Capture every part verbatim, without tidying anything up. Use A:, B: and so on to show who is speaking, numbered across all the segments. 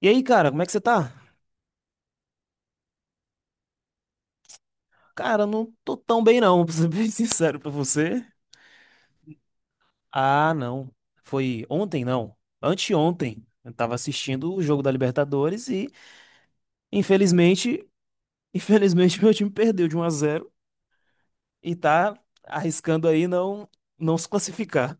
A: E aí, cara, como é que você tá? Cara, eu não tô tão bem não, pra ser bem sincero pra você. Ah, não. Foi ontem, não. Anteontem. Eu tava assistindo o jogo da Libertadores e, infelizmente, infelizmente meu time perdeu de um a zero e tá arriscando aí não não se classificar.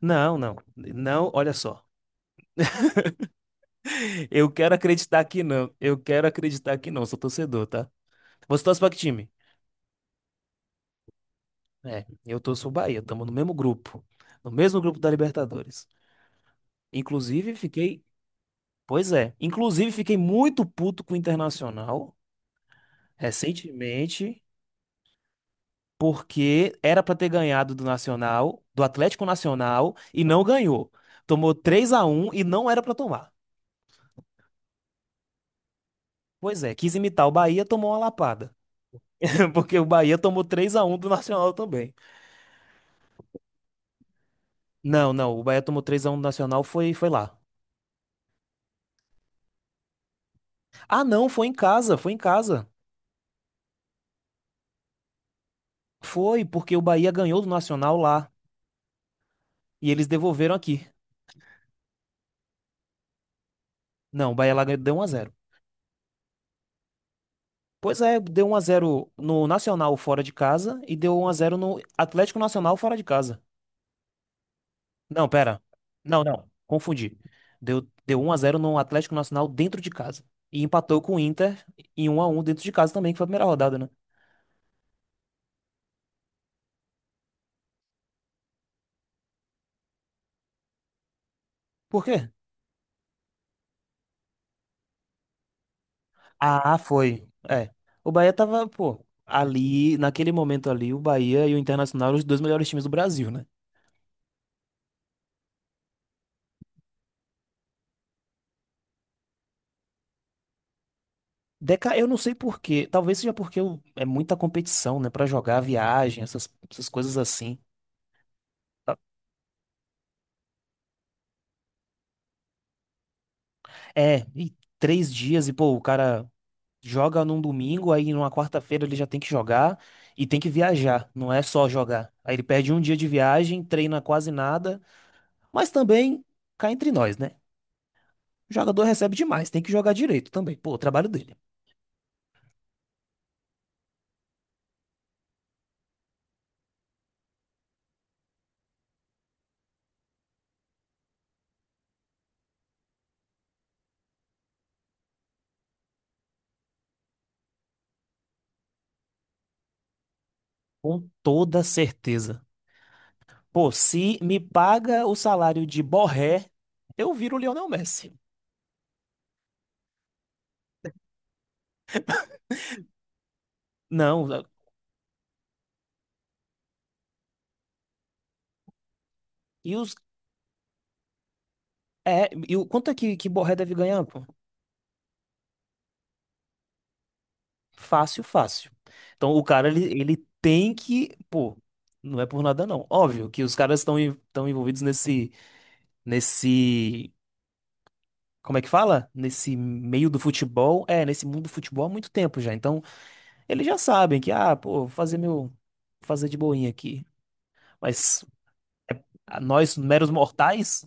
A: Não, não. Não, olha só. Eu quero acreditar que não. Eu quero acreditar que não. Sou torcedor, tá? Você torce pra que time? É, eu torço o Bahia. Tamo no mesmo grupo. No mesmo grupo da Libertadores. Inclusive, fiquei. Pois é. Inclusive, fiquei muito puto com o Internacional recentemente, porque era pra ter ganhado do Nacional, do Atlético Nacional, e não ganhou. Tomou três a um e não era pra tomar. Pois é, quis imitar o Bahia, tomou uma lapada. Porque o Bahia tomou três a um do Nacional também. Não, não, o Bahia tomou três a um do Nacional, foi, foi lá. Ah, não, foi em casa, foi em casa. Foi, porque o Bahia ganhou do Nacional lá. E eles devolveram aqui. Não, o Bahia lá ganhou, deu um a zero. Pois é, deu um a zero no Nacional fora de casa e deu um a zero no Atlético Nacional fora de casa. Não, pera. Não, não. Confundi. Deu, deu um a zero no Atlético Nacional dentro de casa. E empatou com o Inter em um a um dentro de casa também, que foi a primeira rodada, né? Por quê? Ah, foi. É. O Bahia tava, pô, ali, naquele momento ali, o Bahia e o Internacional eram os dois melhores times do Brasil, né? Deca, eu não sei por quê. Talvez seja porque eu- é muita competição, né? Pra jogar, viagem, essas, essas coisas assim. É, e três dias, e pô, o cara joga num domingo, aí numa quarta-feira ele já tem que jogar e tem que viajar, não é só jogar. Aí ele perde um dia de viagem, treina quase nada, mas também cá entre nós, né? O jogador recebe demais, tem que jogar direito também, pô, o trabalho dele. Com toda certeza. Pô, se me paga o salário de Borré, eu viro o Lionel Messi. Não, e os é, e o quanto é que, que Borré deve ganhar, pô? Fácil, fácil. Então o cara, ele, ele tem que, pô, não é por nada não. Óbvio que os caras estão estão envolvidos nesse, nesse, como é que fala? Nesse meio do futebol, é, nesse mundo do futebol há muito tempo já. Então eles já sabem que, ah, pô, vou fazer meu, vou fazer de boinha aqui. Mas a nós, meros mortais,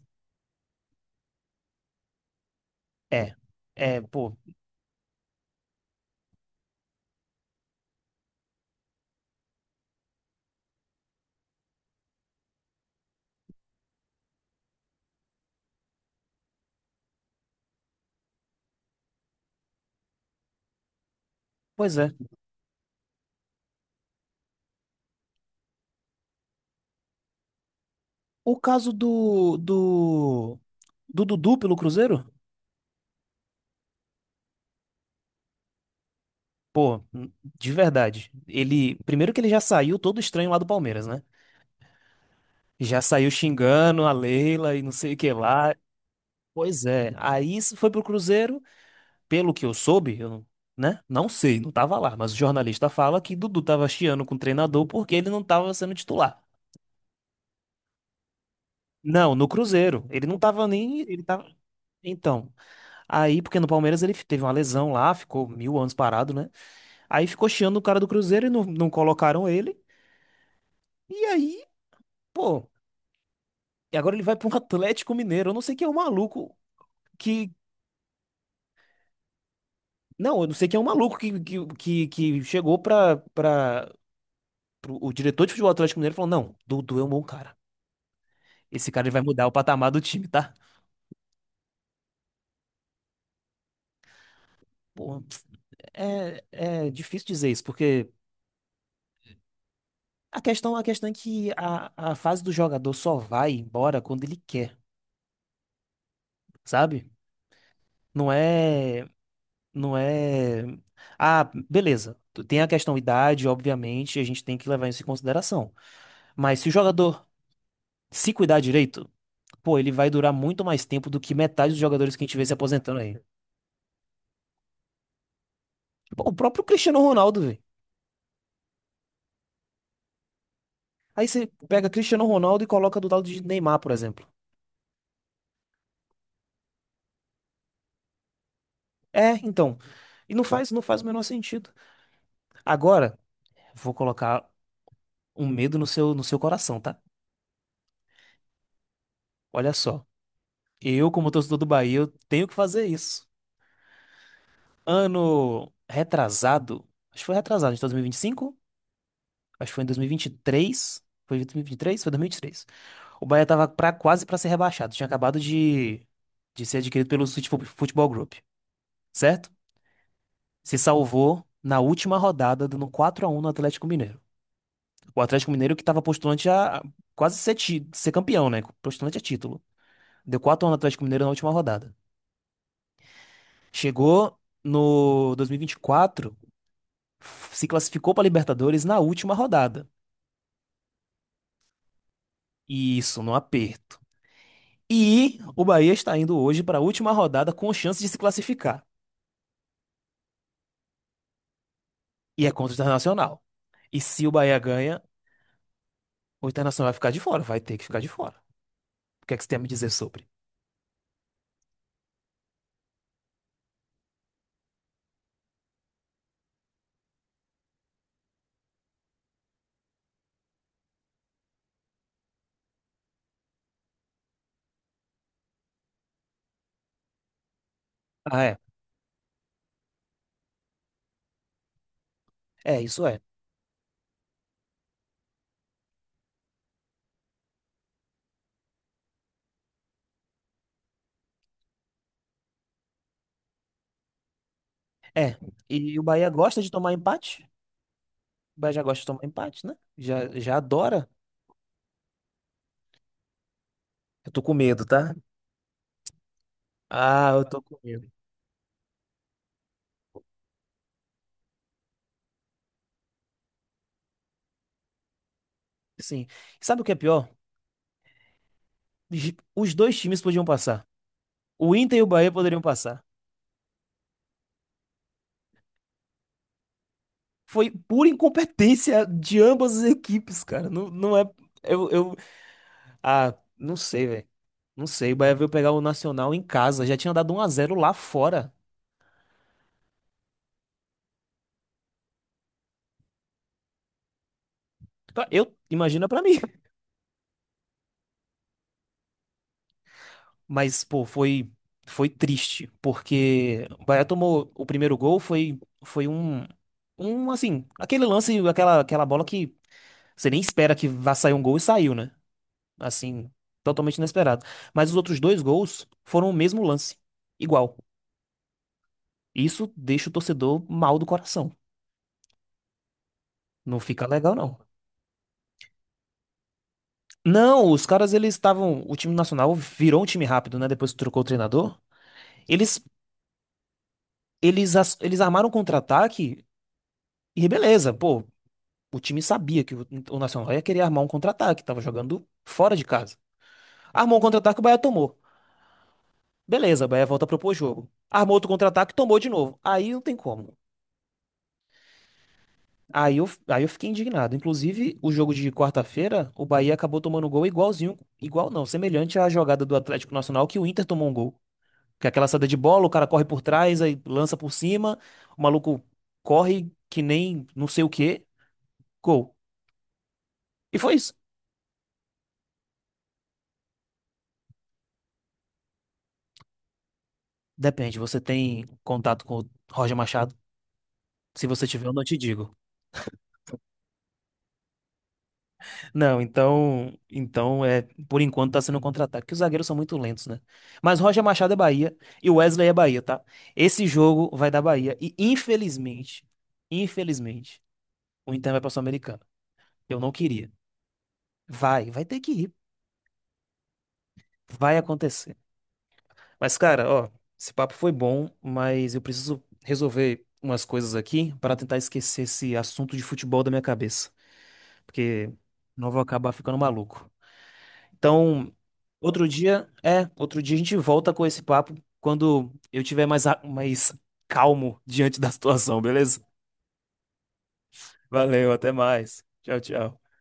A: é, é, pô, pois é. O caso do, do, do Dudu pelo Cruzeiro? Pô, de verdade. Ele, primeiro que ele já saiu todo estranho lá do Palmeiras, né? Já saiu xingando a Leila e não sei o que lá. Pois é. Aí isso foi pro Cruzeiro, pelo que eu soube, eu, não- né? Não sei, não tava lá, mas o jornalista fala que Dudu tava chiando com o treinador porque ele não tava sendo titular. Não, no Cruzeiro. Ele não tava nem, ele tava. Então, aí, porque no Palmeiras ele teve uma lesão lá, ficou mil anos parado, né? Aí ficou chiando o cara do Cruzeiro e não, não colocaram ele. E aí, pô. E agora ele vai para um Atlético Mineiro. Eu não sei quem é o maluco que. Não, eu não sei quem é o maluco que, que, que, que chegou para para o diretor de futebol do Atlético Mineiro e falou: Não, Dudu é um bom cara. Esse cara ele vai mudar o patamar do time, tá? Pô, é, é difícil dizer isso, porque a questão, a questão é que a, a fase do jogador só vai embora quando ele quer, sabe? Não é. Não é. Ah, beleza. Tem a questão idade, obviamente, a gente tem que levar isso em consideração. Mas se o jogador se cuidar direito, pô, ele vai durar muito mais tempo do que metade dos jogadores que a gente vê se aposentando aí. Pô, o próprio Cristiano Ronaldo, velho. Aí você pega Cristiano Ronaldo e coloca do lado de Neymar, por exemplo. É, então. E não faz, não faz o menor sentido. Agora, vou colocar um medo no seu, no seu coração, tá? Olha só. Eu, como torcedor do Bahia, eu tenho que fazer isso. Ano retrasado, acho que foi retrasado, de dois mil e vinte e cinco, acho que foi em dois mil e vinte e três, foi dois mil e vinte e três, foi dois mil e vinte e três. O Bahia tava pra, quase pra ser rebaixado. Tinha acabado de, de ser adquirido pelo City Fu- Futebol Group, certo? Se salvou na última rodada, dando quatro a um no Atlético Mineiro. O Atlético Mineiro que tava postulante a a quase ser, ti- ser campeão, né? Postulante a título. Deu quatro a um no Atlético Mineiro na última rodada. Chegou no dois mil e vinte e quatro, f- se classificou pra Libertadores na última rodada. E isso, no aperto. E o Bahia está indo hoje para a última rodada com chance de se classificar. E é contra o Internacional. E se o Bahia ganha, o Internacional vai ficar de fora, vai ter que ficar de fora. O que é que você tem a me dizer sobre? Ah, é. É, isso é. É. E o Bahia gosta de tomar empate? O Bahia já gosta de tomar empate, né? Já, já adora. Eu tô com medo, tá? Ah, eu tô com medo. Sim. E sabe o que é pior? Gi- Os dois times podiam passar. O Inter e o Bahia poderiam passar. Foi pura incompetência de ambas as equipes, cara. Não, não é. Eu, eu. Ah, não sei, velho. Não sei. O Bahia veio pegar o Nacional em casa. Já tinha dado um a zero lá fora. Pra- Eu, imagina pra mim. Mas, pô, foi. Foi triste. Porque o Bahia tomou o primeiro gol. Foi. Foi um. Um, assim. Aquele lance, aquela, aquela bola que você nem espera que vá sair um gol e saiu, né? Assim. Totalmente inesperado. Mas os outros dois gols foram o mesmo lance. Igual. Isso deixa o torcedor mal do coração. Não fica legal, não. Não, os caras, eles estavam. O time nacional virou um time rápido, né? Depois que trocou o treinador. Eles, eles, as- eles armaram um contra-ataque e beleza, pô. O time sabia que o, o Nacional ia querer armar um contra-ataque, tava jogando fora de casa. Armou um contra-ataque, o Bahia tomou. Beleza, o Bahia volta a propor jogo. Armou outro contra-ataque, tomou de novo. Aí não tem como. Aí eu, aí eu fiquei indignado. Inclusive, o jogo de quarta-feira, o Bahia acabou tomando um gol igualzinho, igual não, semelhante à jogada do Atlético Nacional que o Inter tomou um gol. Que é aquela saída de bola, o cara corre por trás, aí lança por cima, o maluco corre que nem não sei o quê, gol. E foi isso. Depende, você tem contato com o Roger Machado? Se você tiver, eu não te digo. Não, então, então é, por enquanto tá sendo um contra-ataque, porque os zagueiros são muito lentos, né? Mas Roger Machado é Bahia e o Wesley é Bahia, tá? Esse jogo vai dar Bahia e infelizmente, infelizmente, o Inter vai pra Sul-Americana. Eu não queria. Vai, vai ter que ir, vai acontecer. Mas cara, ó, esse papo foi bom, mas eu preciso resolver umas coisas aqui para tentar esquecer esse assunto de futebol da minha cabeça, porque não vou acabar ficando maluco. Então, outro dia, é, outro dia a gente volta com esse papo quando eu tiver mais, a- mais calmo diante da situação, beleza? Valeu, até mais. Tchau, tchau.